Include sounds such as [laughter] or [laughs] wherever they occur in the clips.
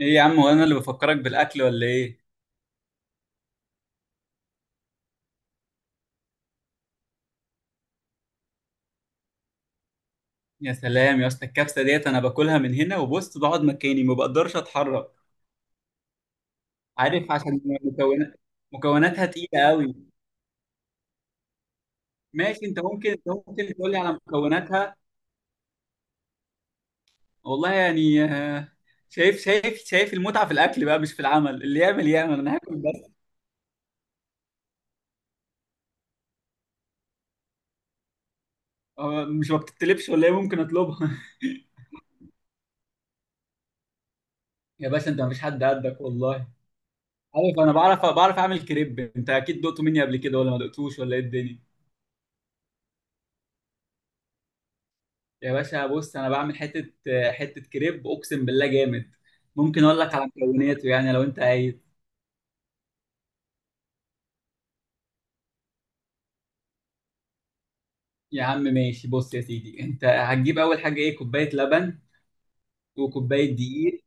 ايه يا عم، وانا اللي بفكرك بالاكل ولا ايه؟ يا سلام يا اسطى، الكبسه ديت انا باكلها من هنا وبص بقعد مكاني ما بقدرش اتحرك. عارف؟ عشان مكونات مكوناتها تقيله قوي. ماشي، انت ممكن تقول لي على مكوناتها. والله يعني شايف المتعه في الاكل بقى، مش في العمل. اللي يعمل يعمل، انا هاكل بس. هو مش ما بتتلبش ولا ايه؟ ممكن اطلبها. [laughs] يا باشا، انت مفيش حد قدك والله. عارف، انا بعرف اعمل كريب. انت اكيد دقته مني قبل كده ولا ما دقتوش ولا ايه الدنيا؟ يا باشا، بص، انا بعمل حته كريب اقسم بالله جامد. ممكن اقول لك على مكوناته يعني لو انت عايز. يا عم ماشي، بص يا سيدي، انت هتجيب اول حاجه ايه؟ كوبايه لبن، وكوبايه دقيق،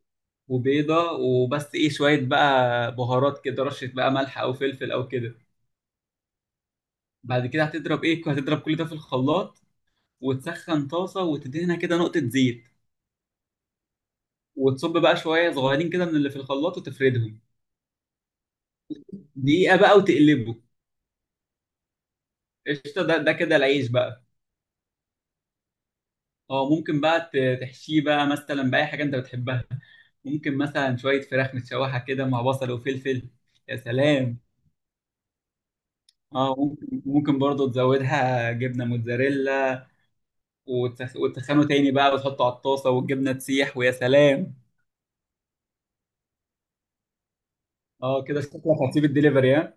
وبيضه، وبس شويه بقى بهارات كده، رشه بقى ملح او فلفل او كده. بعد كده هتضرب كل ده في الخلاط، وتسخن طاسه وتدهنها كده نقطه زيت، وتصب بقى شويه صغيرين كده من اللي في الخلاط وتفردهم. دقيقه بقى وتقلبه. قشطه، ده كده العيش بقى. اه، ممكن بقى تحشيه بقى مثلا بأي حاجة انت بتحبها. ممكن مثلا شوية فراخ متشوحة كده مع بصل وفلفل. يا سلام. اه ممكن، برضه تزودها جبنة موتزاريلا، وتسخنه تاني بقى وتحطه على الطاسة والجبنة تسيح ويا سلام. اه كده شكلك هتسيب الدليفري، ها؟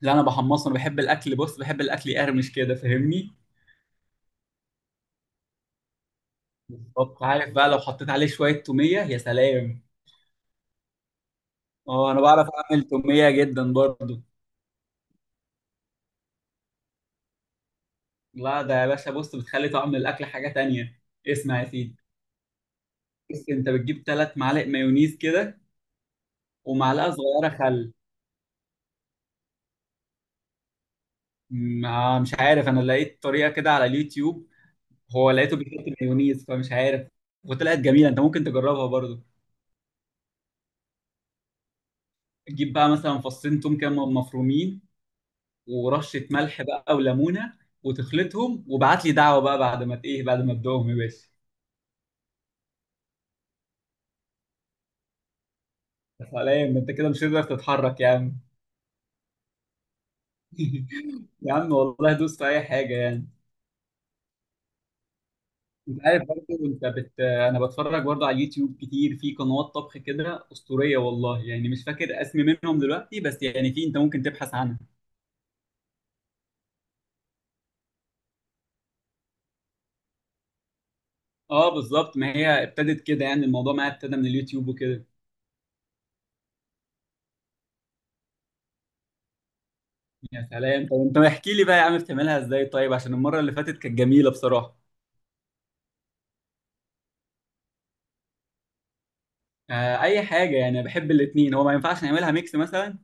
لا، انا بحمصه، انا بحب الاكل، بص بحب الاكل يقرمش كده، فاهمني؟ بالظبط. عارف بقى لو حطيت عليه شوية تومية، يا سلام. اه، انا بعرف اعمل تومية جدا برضه. لا ده يا باشا، بص، بتخلي طعم الاكل حاجه تانية. اسمع يا سيدي، بص، انت بتجيب 3 معالق مايونيز كده، ومعلقه صغيره خل. ما مش عارف، انا لقيت طريقه كده على اليوتيوب. هو لقيته بيحط مايونيز، فمش عارف. وطلعت جميله، انت ممكن تجربها برضو. تجيب بقى مثلا فصين توم كده مفرومين، ورشه ملح بقى، وليمونه، وتخلطهم، وابعت لي دعوه بقى بعد ما تدوقهم يا باشا. يا سلام، انت كده مش هتقدر تتحرك يا عم. [laughs] يا عم والله دوس في اي حاجه يعني. انت عارف برضه، انا بتفرج برضه على اليوتيوب كتير، في قنوات طبخ كده اسطوريه والله يعني، مش فاكر اسم منهم دلوقتي بس يعني في، انت ممكن تبحث عنها. اه بالظبط، ما هي ابتدت كده يعني الموضوع معايا، ابتدى من اليوتيوب وكده. يا سلام، طب انت احكي لي بقى يا عم، بتعملها ازاي طيب؟ عشان المره اللي فاتت كانت جميله بصراحه. آه، اي حاجه يعني، أنا بحب الاثنين. هو ما ينفعش نعملها ميكس مثلا؟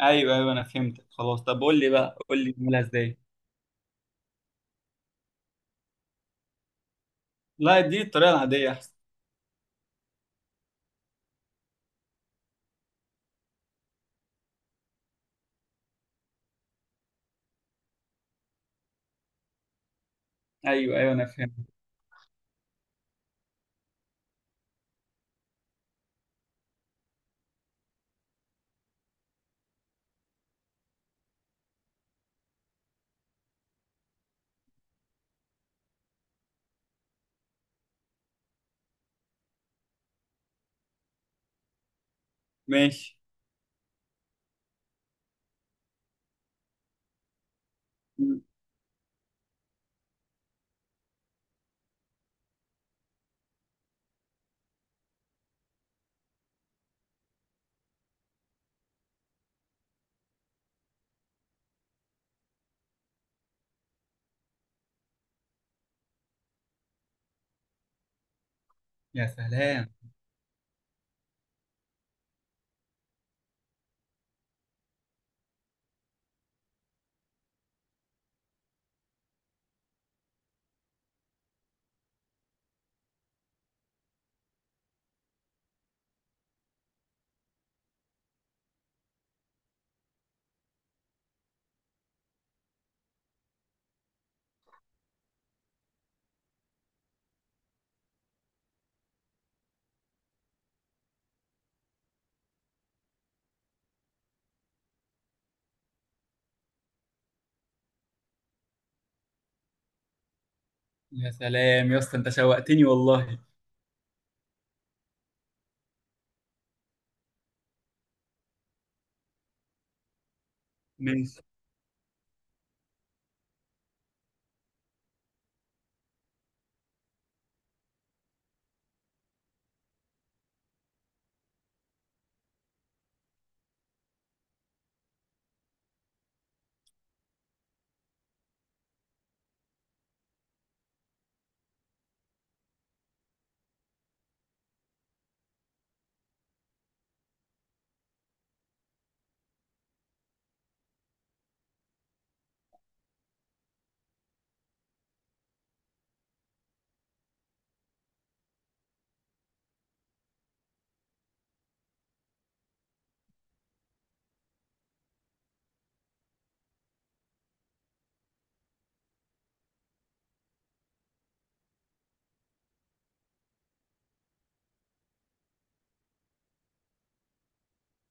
ايوه ايوه، انا فهمتك خلاص. طب قول لي بقى، قول لي نعملها ازاي. لا، اديني الطريقه العاديه احسن. ايوه ايوه، انا فهمت. ماشي. يا سلام. يا سلام يا اسطى، انت شوقتني والله. ماشي.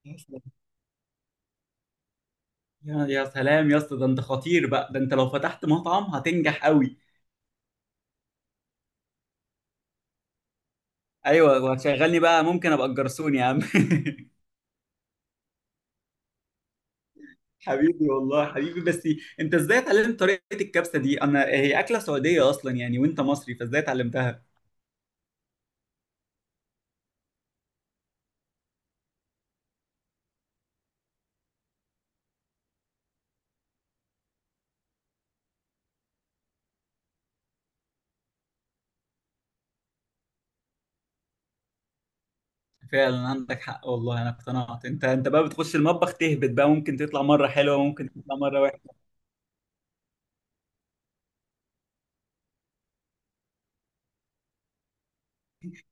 يا سلام. يا سلام يا اسطى، ده انت خطير بقى، ده انت لو فتحت مطعم هتنجح قوي. ايوه، وهتشغلني بقى؟ ممكن ابقى الجرسون يا عم. [laughs] حبيبي والله، حبيبي. بس انت ازاي اتعلمت طريقة الكبسة دي؟ انا هي اكلة سعودية اصلا يعني، وانت مصري، فازاي اتعلمتها؟ فعلا عندك حق والله، انا اقتنعت. انت بقى بتخش المطبخ تهبط بقى، ممكن تطلع مرة حلوة، ممكن تطلع مرة وحشة.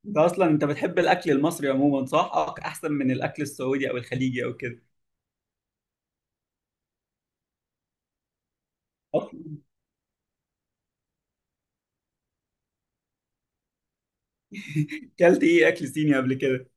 انت اصلا انت بتحب الاكل المصري عموما صح؟ احسن من الاكل السعودي او الخليجي او كده؟ كلت ايه اكل صيني قبل كده؟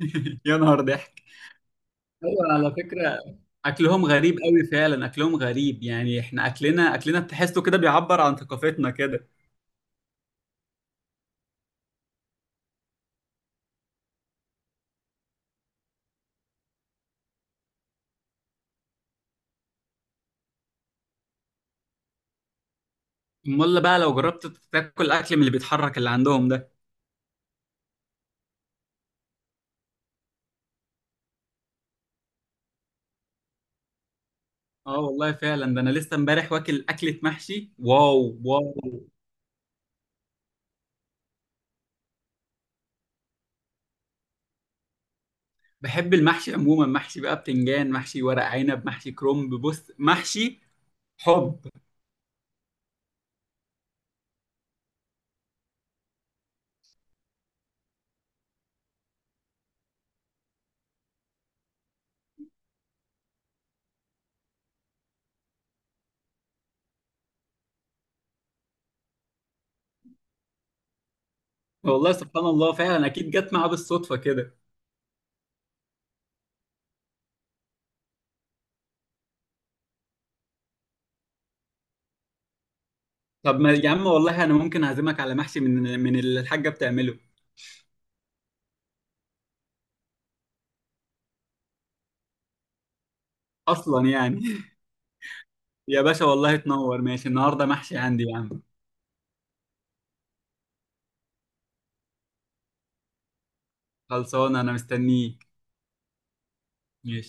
[laughs] يا نهار ضحك. ايوه، على فكره اكلهم غريب قوي فعلا، اكلهم غريب يعني، احنا اكلنا، اكلنا تحسه كده بيعبر عن ثقافتنا كده. امال بقى لو جربت تاكل اكل من اللي بيتحرك اللي عندهم ده. اه والله فعلا. ده انا لسه امبارح واكل اكله محشي، واو واو. بحب المحشي عموما، محشي بقى بتنجان، محشي ورق عنب، محشي كرنب. بص محشي حب. والله سبحان الله فعلا، اكيد جت معاه بالصدفه كده. طب ما يا عم والله، انا ممكن اعزمك على محشي من اللي الحاجه بتعمله اصلا يعني. [laughs] يا باشا والله تنور، ماشي، النهارده محشي عندي يا عم. خلصان، انا مستنيك. ماشي